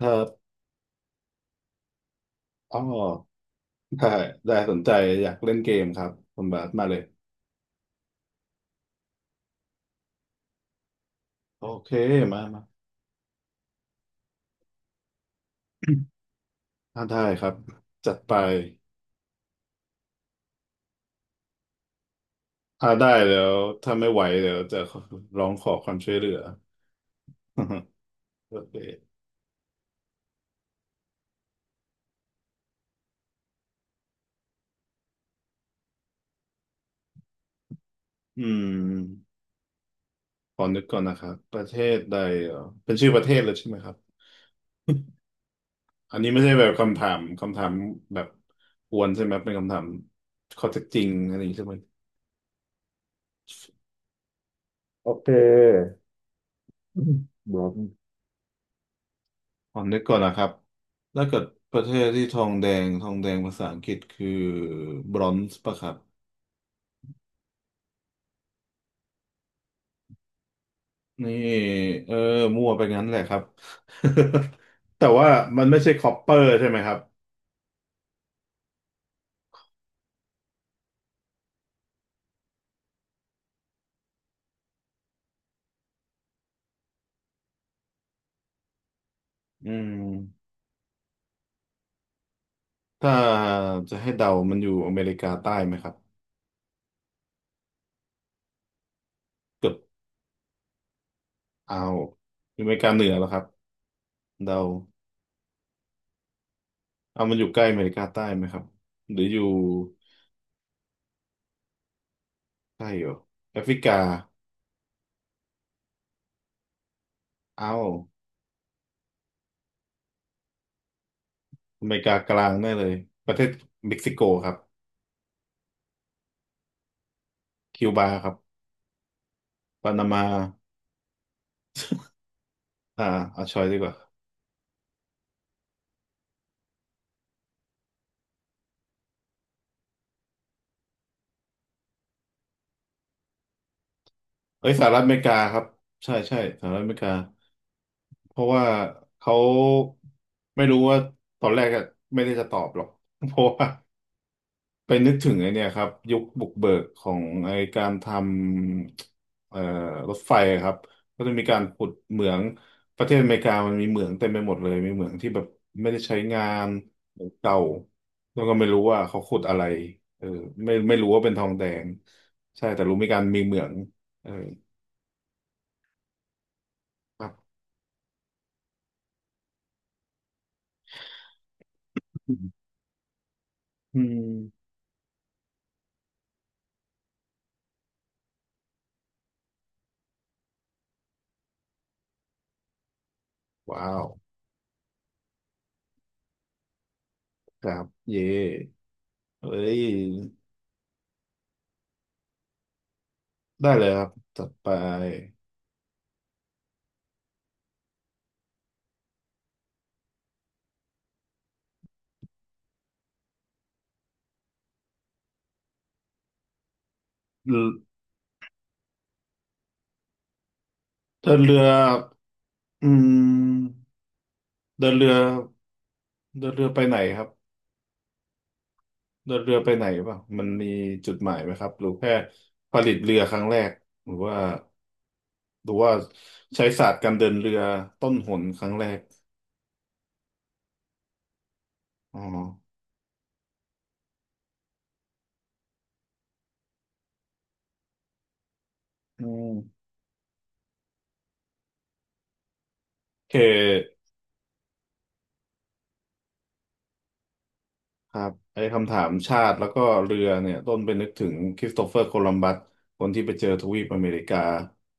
ครับอ๋อได้ได้สนใจอยากเล่นเกมครับคุณบาสมาเลยโอเคมามา ถ้าได้ครับจัดไปถ้าได้แล้วถ้าไม่ไหวเดี๋ยวจะร้องขอความช่วยเหลือ โอเคอืมขอนึกก่อนนะครับประเทศใดเหรอเป็นชื่อประเทศเลยใช่ไหมครับอันนี้ไม่ใช่แบบคำถามแบบกวนใช่ไหมเป็นคำถามข้อเท็จจริงอะไรอย่างนี้ใช่ไหมโอเคอืม ผอนึกก่อนนะครับถ้าเกิดประเทศที่ทองแดงภาษาอังกฤษคือบรอนซ์ปะครับนี่เออมั่วไปงั้นแหละครับ แต่ว่ามันไม่ใช่คอปเปอร์ใช่ไหมครับอืมถ้าจะให้เดามันอยู่อเมริกาใต้ไหมครับเกือบเอาวอยู่อเมริกาเหนือแล้วครับเดาเอามันอยู่ใกล้อเมริกาใต้ไหมครับหรืออยู่ใกล้เหรอแอฟริกาเอาอเมริกากลางแน่เลยประเทศเม็กซิโกครับคิวบาครับ ปานามาอ่าเอาชอยดีกว่า เอ้ยสหรัฐอเมริกาครับ ใช่ใช่สหรัฐอเมริกา เพราะว่าเขาไม่รู้ว่าตอนแรกอะไม่ได้จะตอบหรอก เพราะว่า ไปนึกถึงไอเนี่ยครับยุคบุกเบิกของไอการทำรถไฟอะครับก็จะมีการขุดเหมืองประเทศอเมริกามันมีเหมืองเต็มไปหมดเลยมีเหมืองที่แบบไม่ได้ใช้งานเหมืองเก่าแล้วก็ไม่รู้ว่าเขาขุดอะไรเออไม่รู้ว่าเป็นทองแดงใช่แต่รู้มีการมีเหมืองเออครับ อืมว้าวครับเย่เอ้ยได้เลยครับจัดไปเรือเดินเรืออืม เดินเรือเดินเรือไปไหนครับเดินเรือไปไหนป่ะมันมีจุดหมายไหมครับหรือแค่ผลิตเรือครั้งแรกหรือว่าหรือว่าใช้ศาสตร์การเดินเรือต้นหนครั้งแรกอ๋ออืมโอเคครับไอ้คำถามชาติแล้วก็เรือเนี่ยต้นไปนึกถึงคริสโตเฟอร์โคลัมบัสคนที่ไปเจอทวีปอเมริกา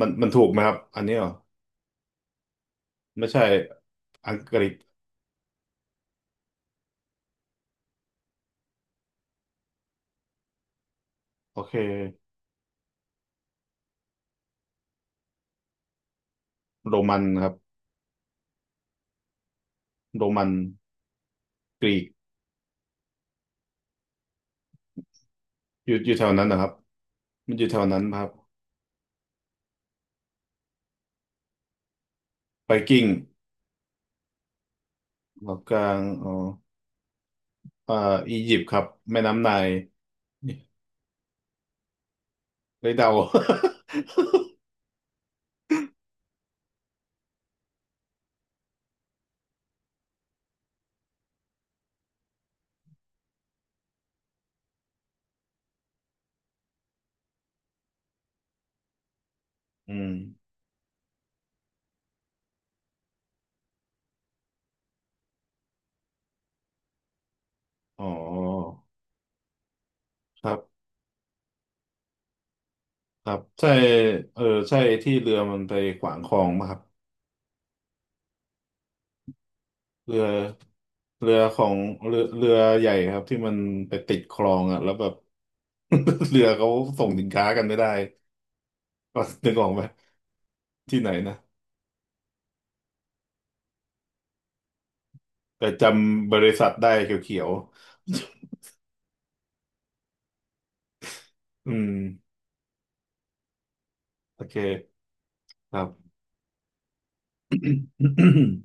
มันถูกไหมครับอันนี้เหรอไม่ใช่อังกฤษโอเคโรมันครับโรมันกรีกอยู่อยู่แถวนั้นนะครับ มันอยู่แถวนั้นครับไบกิ้งเกาะกลางอ๋ออ่าอียิปต์ครับแม่น้ำไนล์ไลยเดา อืมอ๋อครับครับใช่เออใช่ที่เรือมันไปขวางคลองมาครับเรือเรือของเรือใหญ่ครับที่มันไปติดคลองอ่ะแล้วแบบ เรือเขาส่งสินค้ากันไม่ได้ก็นึกออกไหมที่ไหนนะแต่จำบริษัทได้เขียวๆ อืมโอเคครับ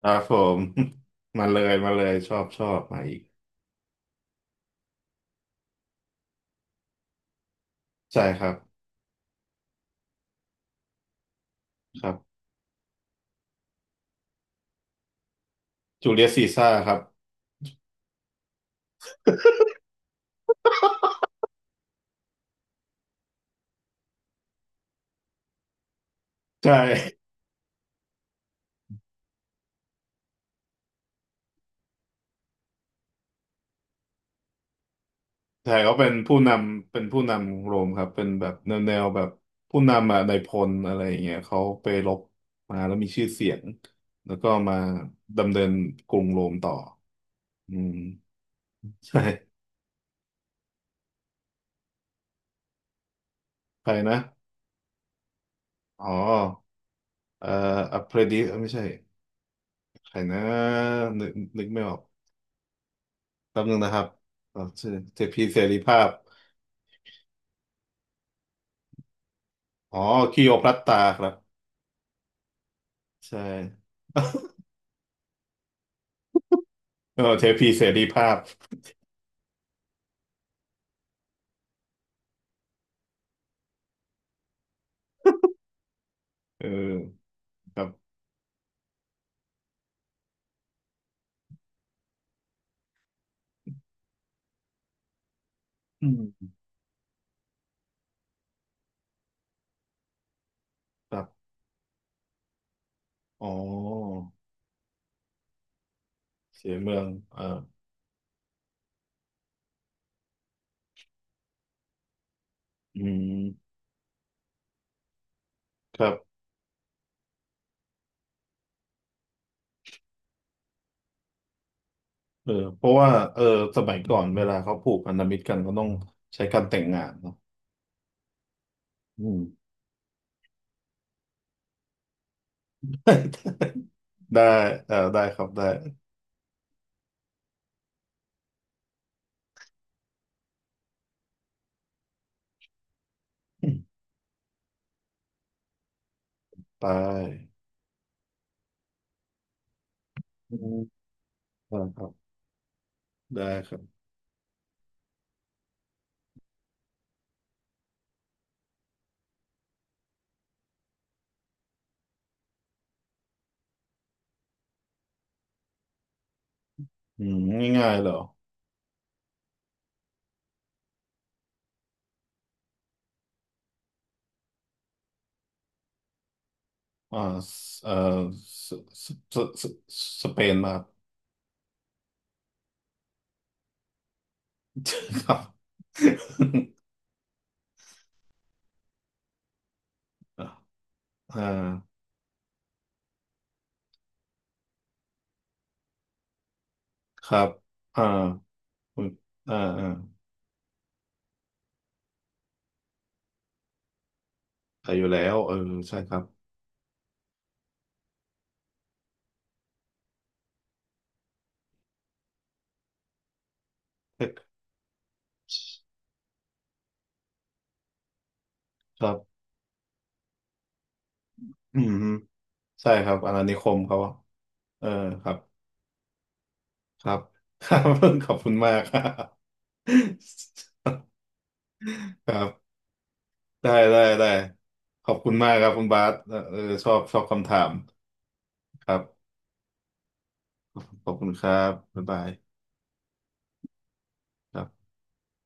ครับผม มาเลยมาเลยชอบชอบมาอีกใช่ครับครับจูเลียสซีซ่าร์ครับใช่ ใช่เขาเป็นผู้นำเป็นผู้นำโรมครับเป็นแบบแนวแบบผู้นำอ่ะในายพลอะไรอย่างเงี้ยเขาไปรบมาแล้วมีชื่อเสียงแล้วก็มาดำเนินกรุงโรมต่ออืมใช่ใครนะอ๋อเอ่ออัปเพรดิสไม่ใช่ใครนะนึกนึกไม่ออกแป๊บนึงนะครับชื่อเสพีเสรีภาพ อ๋อคลีโอพัตตาครับใช่เออเทพีเสรีภาพเออครับอืมครับอ๋อเสียเมืองเอออืมครับเออเพราะว่าเออสมัยก่อนเวลาเขาผูกพันธมิตรกันก็ต้องใช้การแต่งงานเนาะอืมได้เออได้ครับได้ได้อืมได้ครับได้ครับอืมง่ายๆเหรออ่าเออสสสสสสเปนมา ครับ อ่าครับอ่าคุณอ่าอ่าไปอยู่แล้วเออใช่ครับเอ๊ะครับอืมฮึใช่ครับอาณานิคมเขาเออครับครับครับ ขอบคุณมากครับครับได้ได้ได้ ขอบคุณมากครับ คุณบาสเออเออชอบชอบคำถามครับขอบคุณครับบ๊ายบายครับ